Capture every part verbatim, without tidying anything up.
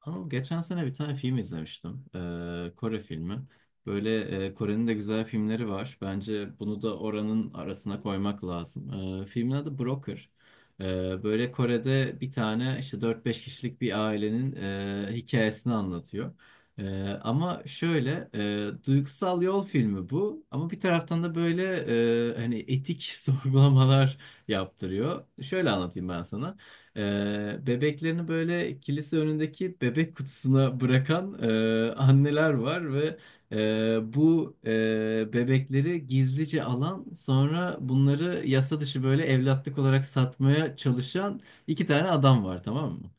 Anıl geçen sene bir tane film izlemiştim. Ee, Kore filmi. Böyle e, Kore'nin de güzel filmleri var. Bence bunu da oranın arasına koymak lazım. Ee, filmin adı Broker. Ee, böyle Kore'de bir tane işte dört beş kişilik bir ailenin e, hikayesini anlatıyor. Ee, ama şöyle e, duygusal yol filmi bu. Ama bir taraftan da böyle e, hani etik sorgulamalar yaptırıyor. Şöyle anlatayım ben sana. Ee, bebeklerini böyle kilise önündeki bebek kutusuna bırakan e, anneler var ve e, bu e, bebekleri gizlice alan sonra bunları yasa dışı böyle evlatlık olarak satmaya çalışan iki tane adam var, tamam mı?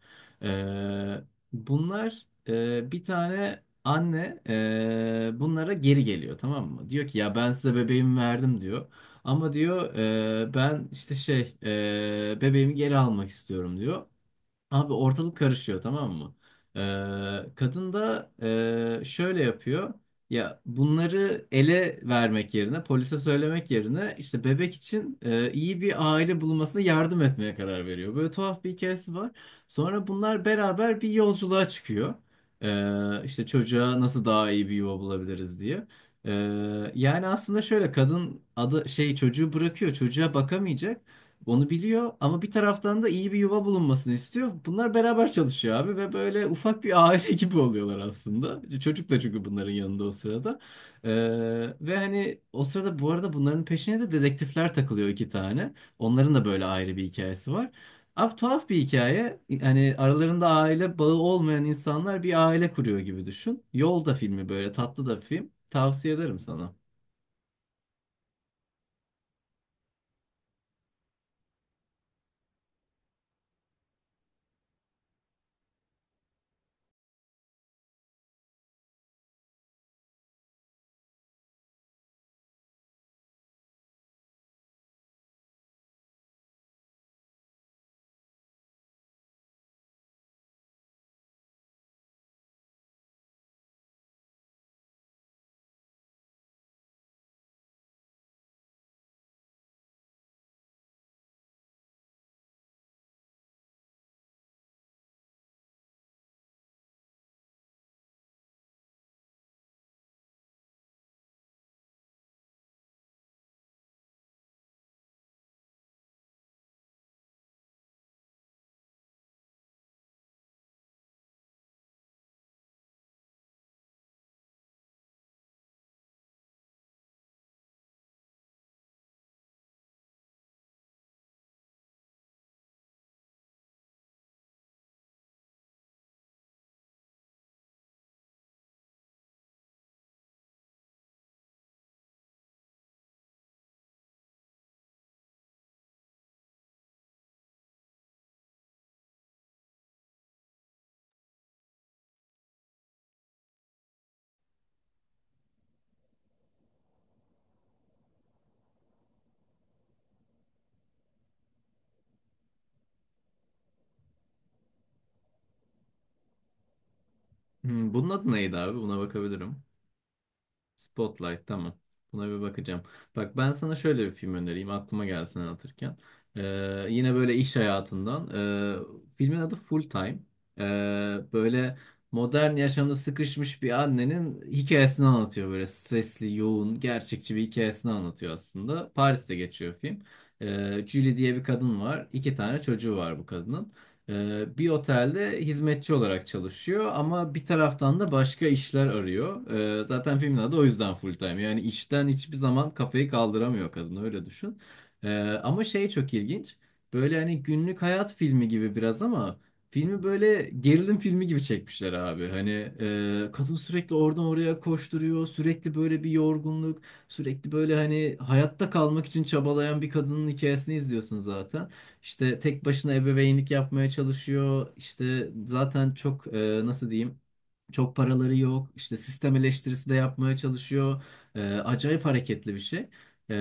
Ee, Bunlar e, bir tane anne e, bunlara geri geliyor, tamam mı? Diyor ki ya ben size bebeğimi verdim diyor. Ama diyor e, ben işte şey e, bebeğimi geri almak istiyorum diyor. Abi ortalık karışıyor, tamam mı? Ee, kadın da e, şöyle yapıyor. Ya bunları ele vermek yerine, polise söylemek yerine işte bebek için e, iyi bir aile bulmasına yardım etmeye karar veriyor. Böyle tuhaf bir hikayesi var. Sonra bunlar beraber bir yolculuğa çıkıyor. Ee, işte çocuğa nasıl daha iyi bir yuva bulabiliriz diye. Ee, yani aslında şöyle kadın adı şey çocuğu bırakıyor, çocuğa bakamayacak. Onu biliyor ama bir taraftan da iyi bir yuva bulunmasını istiyor. Bunlar beraber çalışıyor abi ve böyle ufak bir aile gibi oluyorlar aslında. Çocuk da çünkü bunların yanında o sırada. Ee, Ve hani o sırada bu arada bunların peşine de dedektifler takılıyor iki tane. Onların da böyle ayrı bir hikayesi var. Abi tuhaf bir hikaye. Hani aralarında aile bağı olmayan insanlar bir aile kuruyor gibi düşün. Yolda filmi böyle tatlı da bir film. Tavsiye ederim sana. Hmm, bunun adı neydi abi? Buna bakabilirim. Spotlight, tamam. Buna bir bakacağım. Bak ben sana şöyle bir film önereyim aklıma gelsin anlatırken. Ee, yine böyle iş hayatından. Ee, filmin adı Full Time. Ee, Böyle modern yaşamda sıkışmış bir annenin hikayesini anlatıyor. Böyle stresli, yoğun, gerçekçi bir hikayesini anlatıyor aslında. Paris'te geçiyor film. Ee, Julie diye bir kadın var. İki tane çocuğu var bu kadının. Ee, bir otelde hizmetçi olarak çalışıyor ama bir taraftan da başka işler arıyor. Ee, zaten filmin adı o yüzden full time. Yani işten hiçbir zaman kafayı kaldıramıyor kadın öyle düşün. Ee, Ama şey çok ilginç. Böyle hani günlük hayat filmi gibi biraz ama filmi böyle gerilim filmi gibi çekmişler abi. Hani e, kadın sürekli oradan oraya koşturuyor. Sürekli böyle bir yorgunluk. Sürekli böyle hani hayatta kalmak için çabalayan bir kadının hikayesini izliyorsun zaten. İşte tek başına ebeveynlik yapmaya çalışıyor. İşte zaten çok e, nasıl diyeyim? Çok paraları yok. İşte sistem eleştirisi de yapmaya çalışıyor. E, acayip hareketli bir şey. E,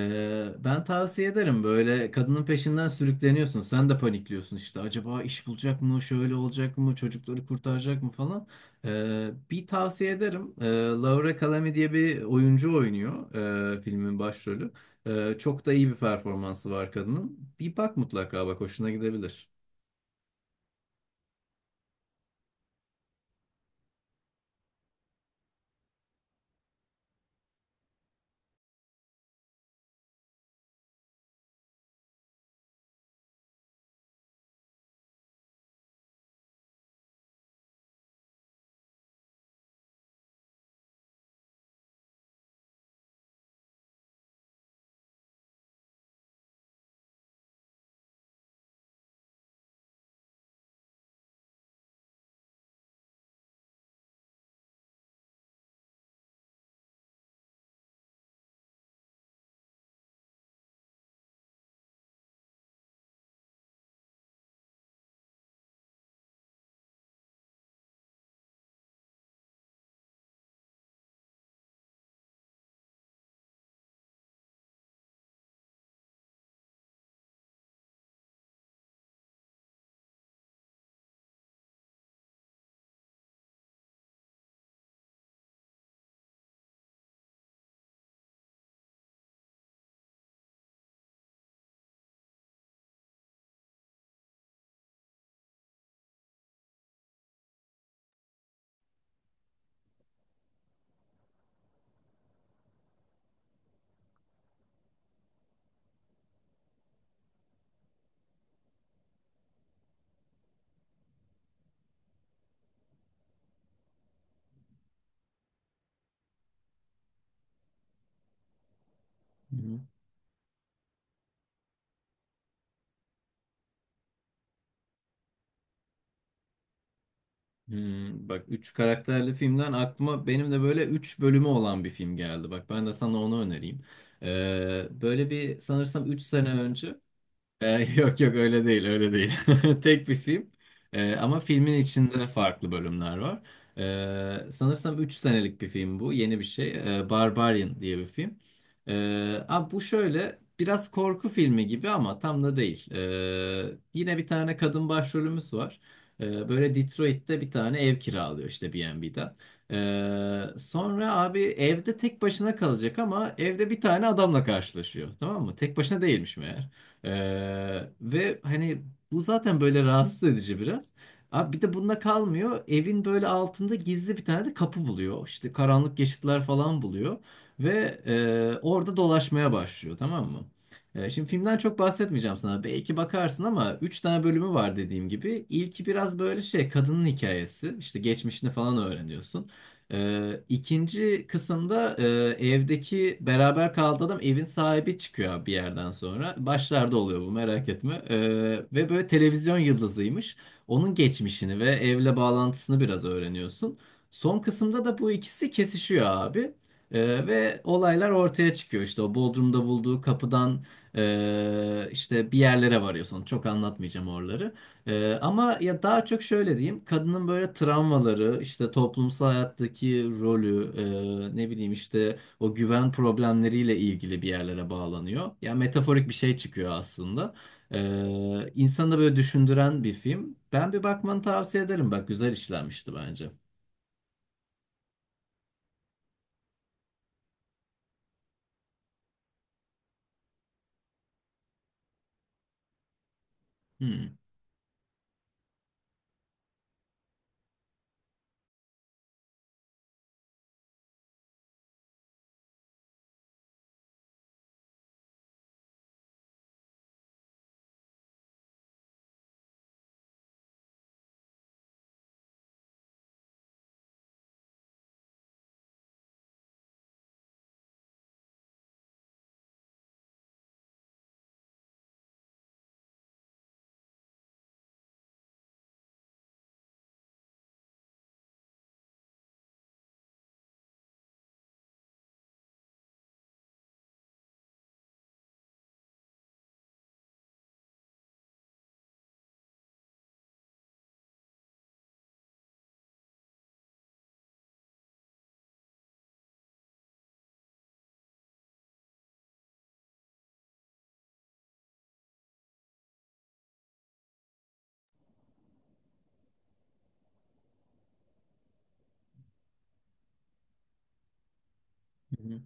Ben tavsiye ederim böyle kadının peşinden sürükleniyorsun. Sen de panikliyorsun işte. Acaba iş bulacak mı? Şöyle olacak mı? Çocukları kurtaracak mı falan. E, bir tavsiye ederim. E, Laura Calamy diye bir oyuncu oynuyor e, filmin başrolü. Ee, çok da iyi bir performansı var kadının. Bir bak mutlaka bak hoşuna gidebilir. Hı hı. Hmm, bak üç karakterli filmden aklıma benim de böyle üç bölümü olan bir film geldi. Bak ben de sana onu önereyim. Ee, böyle bir sanırsam üç sene önce Ee, yok yok öyle değil öyle değil. Tek bir film. Ee, ama filmin içinde farklı bölümler var. Ee, sanırsam üç senelik bir film bu. Yeni bir şey. Ee, Barbarian diye bir film. Ee, abi bu şöyle biraz korku filmi gibi ama tam da değil. Ee, yine bir tane kadın başrolümüz var. Ee, böyle Detroit'te bir tane ev kiralıyor işte B and B'den. Ee, sonra abi evde tek başına kalacak ama evde bir tane adamla karşılaşıyor. Tamam mı? Tek başına değilmiş meğer. Ee, ve hani bu zaten böyle rahatsız edici biraz. Abi bir de bununla kalmıyor. Evin böyle altında gizli bir tane de kapı buluyor. İşte karanlık geçitler falan buluyor. Ve e, orada dolaşmaya başlıyor, tamam mı? E, şimdi filmden çok bahsetmeyeceğim sana. Belki bakarsın ama üç tane bölümü var dediğim gibi. İlki biraz böyle şey kadının hikayesi. İşte geçmişini falan öğreniyorsun. Ee, ikinci kısımda e, evdeki beraber kaldığı adam evin sahibi çıkıyor bir yerden sonra. Başlarda oluyor bu, merak etme. Ee, ve böyle televizyon yıldızıymış. Onun geçmişini ve evle bağlantısını biraz öğreniyorsun. Son kısımda da bu ikisi kesişiyor abi. Ee, ve olaylar ortaya çıkıyor. İşte o Bodrum'da bulduğu kapıdan e, işte bir yerlere varıyorsun. Çok anlatmayacağım oraları. Ee, ama ya daha çok şöyle diyeyim kadının böyle travmaları işte toplumsal hayattaki rolü e, ne bileyim işte o güven problemleriyle ilgili bir yerlere bağlanıyor. Ya metaforik bir şey çıkıyor aslında. Ee, insanı da böyle düşündüren bir film. Ben bir bakmanı tavsiye ederim bak güzel işlenmişti bence. Hmm. Hı hı.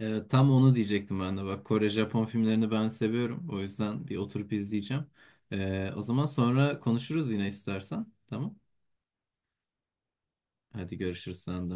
Ee, tam onu diyecektim ben de bak Kore Japon filmlerini ben seviyorum o yüzden bir oturup izleyeceğim. Ee, o zaman sonra konuşuruz yine istersen, tamam. Hadi görüşürüz sen de.